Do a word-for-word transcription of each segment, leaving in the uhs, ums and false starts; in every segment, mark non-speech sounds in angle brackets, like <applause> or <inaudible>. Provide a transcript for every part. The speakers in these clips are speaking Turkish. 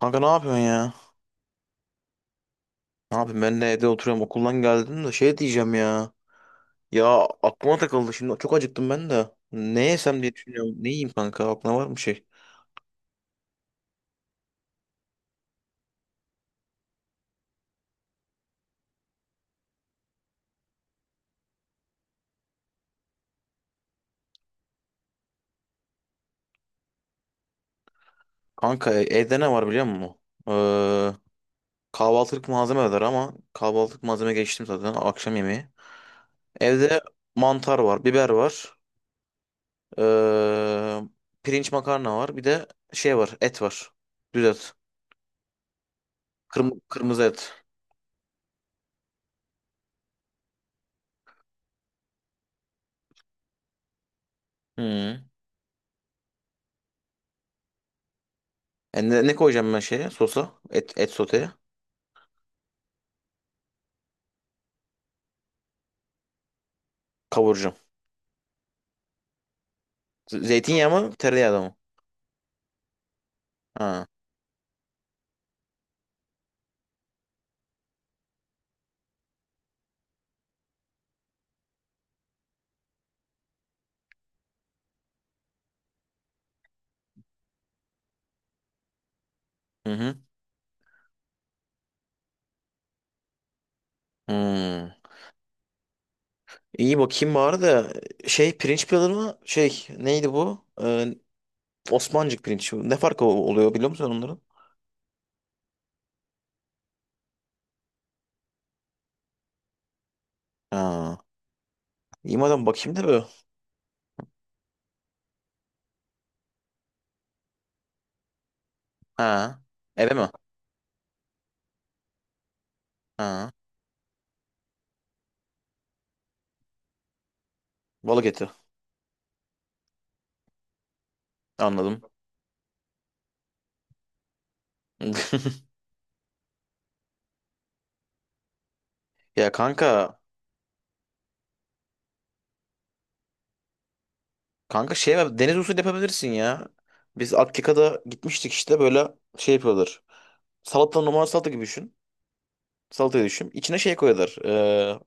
Kanka ne yapıyorsun ya? Ne yapayım, ben de evde oturuyorum, okuldan geldim de şey diyeceğim ya. Ya, aklıma takıldı şimdi, çok acıktım ben de. Ne yesem diye düşünüyorum. Ne yiyeyim kanka, aklına var mı şey? Kanka, e- evde ne var biliyor musun? Ee, kahvaltılık malzeme var ama kahvaltılık malzeme geçtim zaten, akşam yemeği. Evde mantar var, biber var. ee, pirinç makarna var. Bir de şey var, et var. Düz et. Kırm- kırmızı et. Hı. E, ne, ne koyacağım ben şeye, sosa? Et, et soteye. Kavuracağım. Z- Zeytinyağı mı? Tereyağı da mı? Ha. Hı hı. Hmm. İyi, bakayım bari de şey, pirinç pilalı mı? Şey neydi bu? Ee, Osmancık pirinç. Ne farkı o- oluyor biliyor musun onların? Ha. İyi madem, bakayım da bu. Ha. Eve mi? Ha. Balık eti. Anladım. <laughs> Ya kanka, kanka şey yap- deniz usulü yapabilirsin ya. Biz Akika'da gitmiştik, işte böyle şey yapıyorlar. Salata, normal salata gibi düşün. Salatayı düşün. İçine şey koyuyorlar. ee,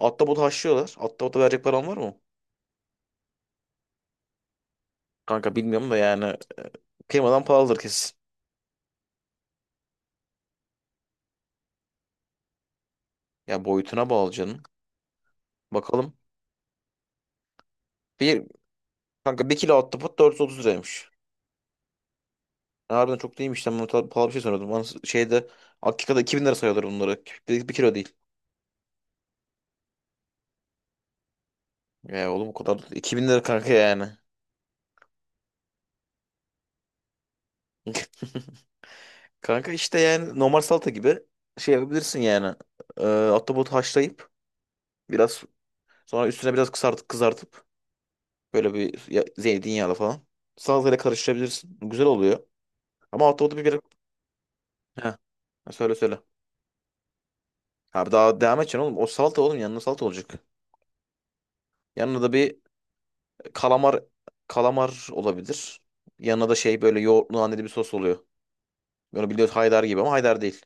Ahtapot haşlıyorlar. Ahtapota verecek param var mı? Kanka bilmiyorum da, yani kıymadan pahalıdır kesin. Ya boyutuna bağlı canım. Bakalım. Bir, kanka bir kilo ahtapot dört yüz otuz liraymış. Ya harbiden çok değilmiş. Ben bunu ta- pahalı bir şey sanıyordum. Bana şeyde, Akika'da iki bin lira sayıyorlar bunları. Bir, bir kilo değil. Ya oğlum, o kadar. iki bin lira kanka yani. <laughs> Kanka işte yani normal salata gibi şey yapabilirsin yani. Ee, ahtapot haşlayıp biraz sonra üstüne biraz kızart, kızartıp böyle bir ya- zeytinyağlı falan. Salatayla karıştırabilirsin. Güzel oluyor. Ama altta o da bir biraz... Heh. Ha, söyle söyle. Abi daha devam edeceksin oğlum. O salata oğlum, yanına salata olacak. Yanına da bir kalamar kalamar olabilir. Yanına da şey, böyle yoğurtlu naneli bir sos oluyor. Böyle biliyoruz, haydar gibi ama haydar değil.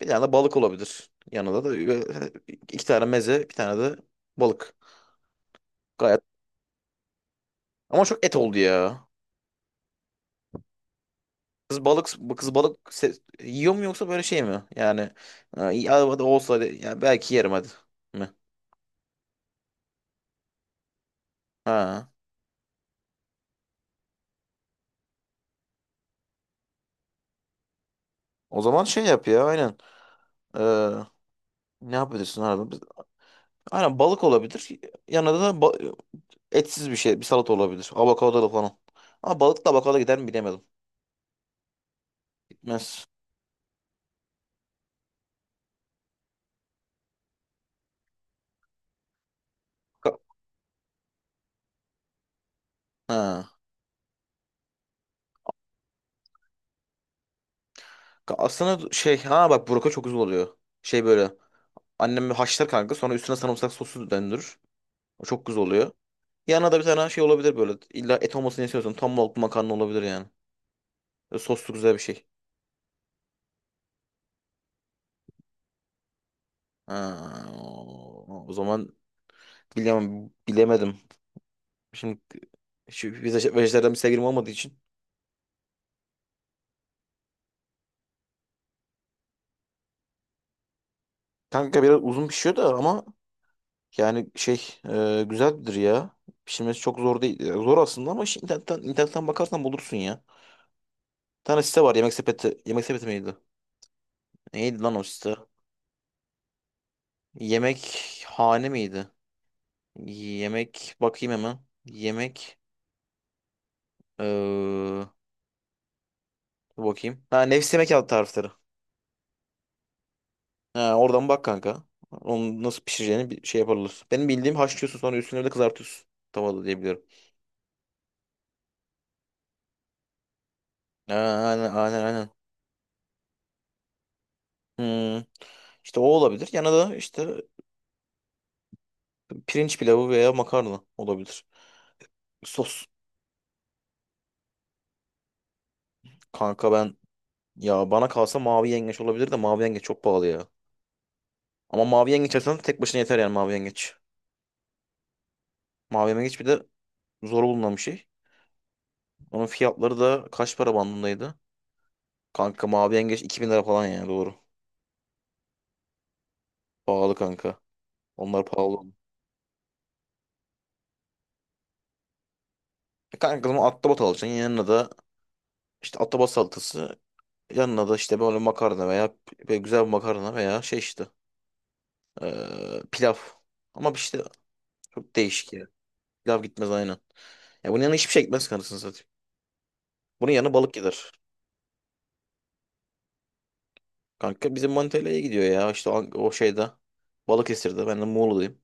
Bir tane de balık olabilir. Yanında da böyle iki tane meze, bir tane de balık. Gayet. Ama çok et oldu ya. Kız balık kız balık se- yiyor mu, yoksa böyle şey mi? Yani e, ya hadi olsa hadi, ya belki yerim, hadi mi? Ha. O zaman şey yap ya, aynen. Ee, ne yapabilirsin abi? Biz- Aynen balık olabilir. Yanında da ba- etsiz bir şey, bir salata olabilir. Avokadolu falan. Ama balıkla avokado gider mi bilemedim. Gitmez. Ka- Ha. Ka- Aslında şey, ha bak buraka çok güzel oluyor. Şey böyle, annem haşlar kanka, sonra üstüne sarımsak sosu döndürür. O çok güzel oluyor. Yanına da bir tane şey olabilir böyle. İlla et olmasını istiyorsun. Tam balıklı makarna olabilir yani. Böyle soslu güzel bir şey. Ha, o o zaman bilemem, bilemedim. Şimdi şu veze- vejetaryen bir sevgilim olmadığı için. Kanka biraz uzun pişiyor da ama yani şey, e, güzeldir ya. Pişirmesi çok zor değil. E, zor aslında ama şimdi internetten, internetten bakarsan bulursun ya. Bir tane site var, yemek sepeti. Yemek sepeti miydi? Neydi lan o site? Yemek hane miydi? Yemek, bakayım hemen. Yemek, Ee, dur bakayım. Ha, nefis yemek yaptı tarifleri. Ha, oradan bak kanka. Onu nasıl pişireceğini bir şey yaparlar. Benim bildiğim, haşlıyorsun sonra üstüne de kızartıyorsun. Tavada diye biliyorum. Ha, aynen aynen aynen. Hmm. İşte o olabilir. Yanına da işte pirinç pilavı veya makarna olabilir. Sos. Kanka ben, ya bana kalsa mavi yengeç olabilir de mavi yengeç çok pahalı ya. Ama mavi yengeç alsan tek başına yeter, yani mavi yengeç. Mavi yengeç bir de zor bulunan bir şey. Onun fiyatları da kaç para bandındaydı? Kanka mavi yengeç iki bin lira falan yani, doğru. Pahalı kanka. Onlar pahalı. E kanka, o zaman ahtapot alacaksın. Yanına da işte ahtapot salatası. Yanına da işte böyle makarna veya böyle güzel bir makarna veya şey, işte eee, pilav. Ama işte çok değişik ya. Pilav gitmez aynen. Ya bunun yanına hiçbir şey gitmez, kanısını satayım. Bunun yanına balık gider. Kanka bizim Manitalya'ya gidiyor ya. İşte o, o şeyde. Balıkesir'de. Ben de Muğla'dayım.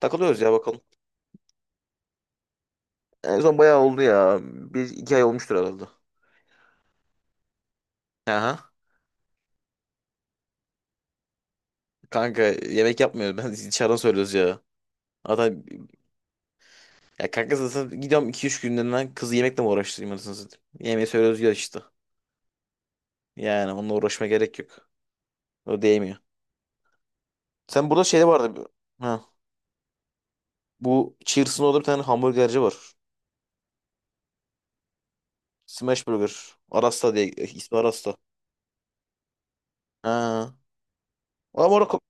Takılıyoruz ya, bakalım. En son bayağı oldu ya. Bir iki ay olmuştur herhalde. Aha. Kanka yemek yapmıyoruz. Ben <laughs> dışarıdan söylüyoruz ya. Zaten, ya kanka zaten gidiyorum iki üç günlerinden, kızı yemekle mi uğraştırayım, anasını satayım. Yemeği söylüyoruz ya işte. Yani onunla uğraşma gerek yok. O değmiyor. Sen, burada şeyde vardı. bir- Ha. Bu Cheers'ın orada bir tane hamburgerci var. Smash Burger. Arasta diye. eh, ismi Arasta. Ha. Ama orada ko-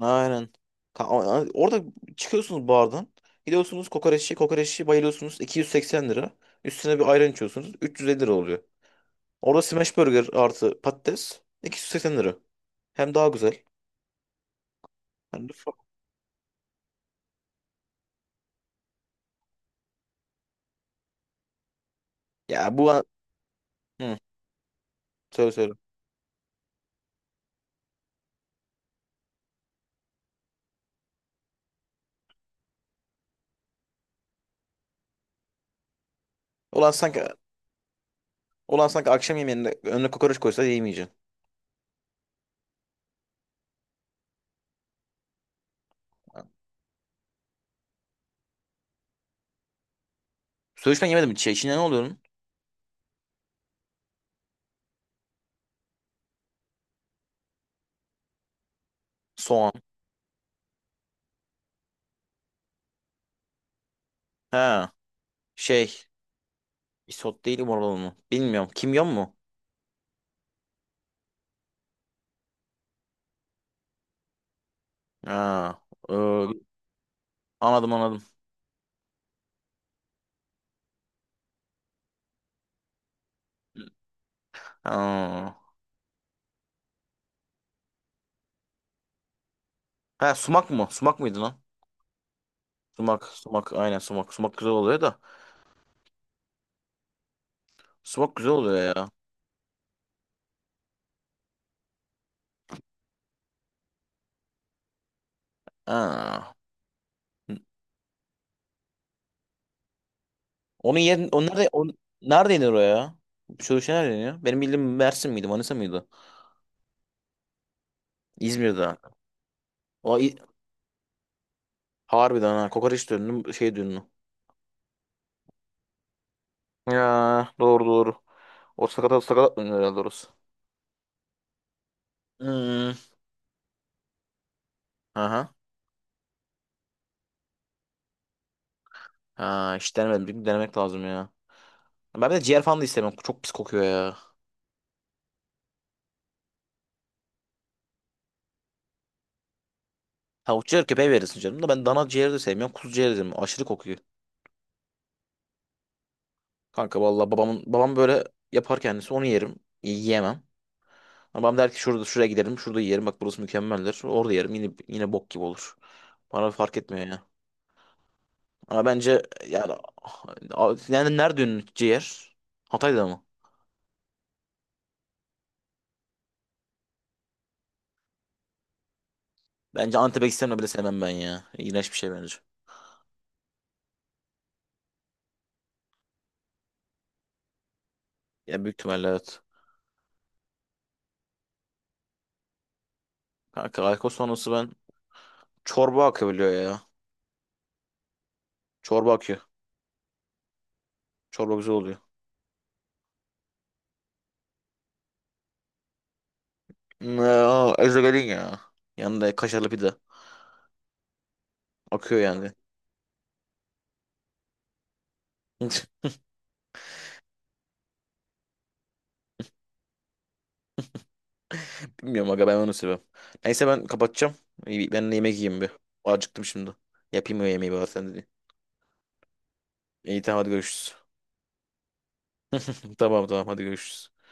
aynen. Ka- a- Orada çıkıyorsunuz bardan. Gidiyorsunuz kokoreççi. Kokoreççi bayılıyorsunuz, iki yüz seksen lira. Üstüne bir ayran içiyorsunuz, üç yüz elli lira oluyor. Orada smash burger artı patates iki yüz seksen lira. Hem daha güzel. Hem de fa- Ya bu an- hı, söyle söyle. Ulan sanki Ulan sanki akşam yemeğinde önüne kokoreç koysa yemeyeceksin. Söğüş ben yemedim. Şey, içinde ne oluyor? Soğan. Ha. Şey. Isot değil, umurlu mu? Bilmiyorum. Kimyon mu? Ha. ee, anladım anladım. Ha. Ha, sumak mı? Sumak mıydı lan? Sumak. Sumak. Aynen sumak. Sumak güzel oluyor da. Sumak güzel oluyor ya. Ha. Onun yerin o nerede o, nerede iniyor o ya? Şu şey nerede iniyor? Benim bildiğim Mersin miydi, Manisa mıydı? İzmir'de. O İ- Harbiden ha, kokoreç dönünü, şey dönünü. Ya doğru doğru. O sakatat sakatat dönüyor herhalde orası. Hmm. Aha. Ha, hiç denemedim. Bir denemek lazım ya. Ben bir de ciğer falan da istemem. Çok pis kokuyor ya. Tavuk ciğer köpeğe verirsin canım da, ben dana ciğeri de sevmiyorum. Kuzu ciğeri de sevmiyorum. Aşırı kokuyor. Kanka vallahi babamın, babam böyle yapar kendisi, onu yerim. Yiyemem. Babam der ki şurada, şuraya gidelim. Şurada yiyelim. Bak burası mükemmeldir. Orada yerim. Yine yine bok gibi olur. Bana fark etmiyor ya. Ama bence yani, a- yani nerede ünlü ciğer? Hatay'da mı? Bence Antep'e gitsem de bile sevmem ben ya. İğrenç bir şey bence. Ya büyük ihtimalle evet. Kanka alkol sonrası ben, çorba akabiliyor ya. Çorba akıyor. Çorba güzel oluyor. Ya ezogelin ya. Yanında kaşarlı pide. Akıyor yani. <laughs> Bilmiyorum aga, ben onu seviyorum. Neyse, ben kapatacağım. İyi, ben de yemek yiyeyim bir. Acıktım şimdi. Yapayım o yemeği bari, sen de. İyi tamam, hadi görüşürüz. <laughs> Tamam tamam, hadi görüşürüz.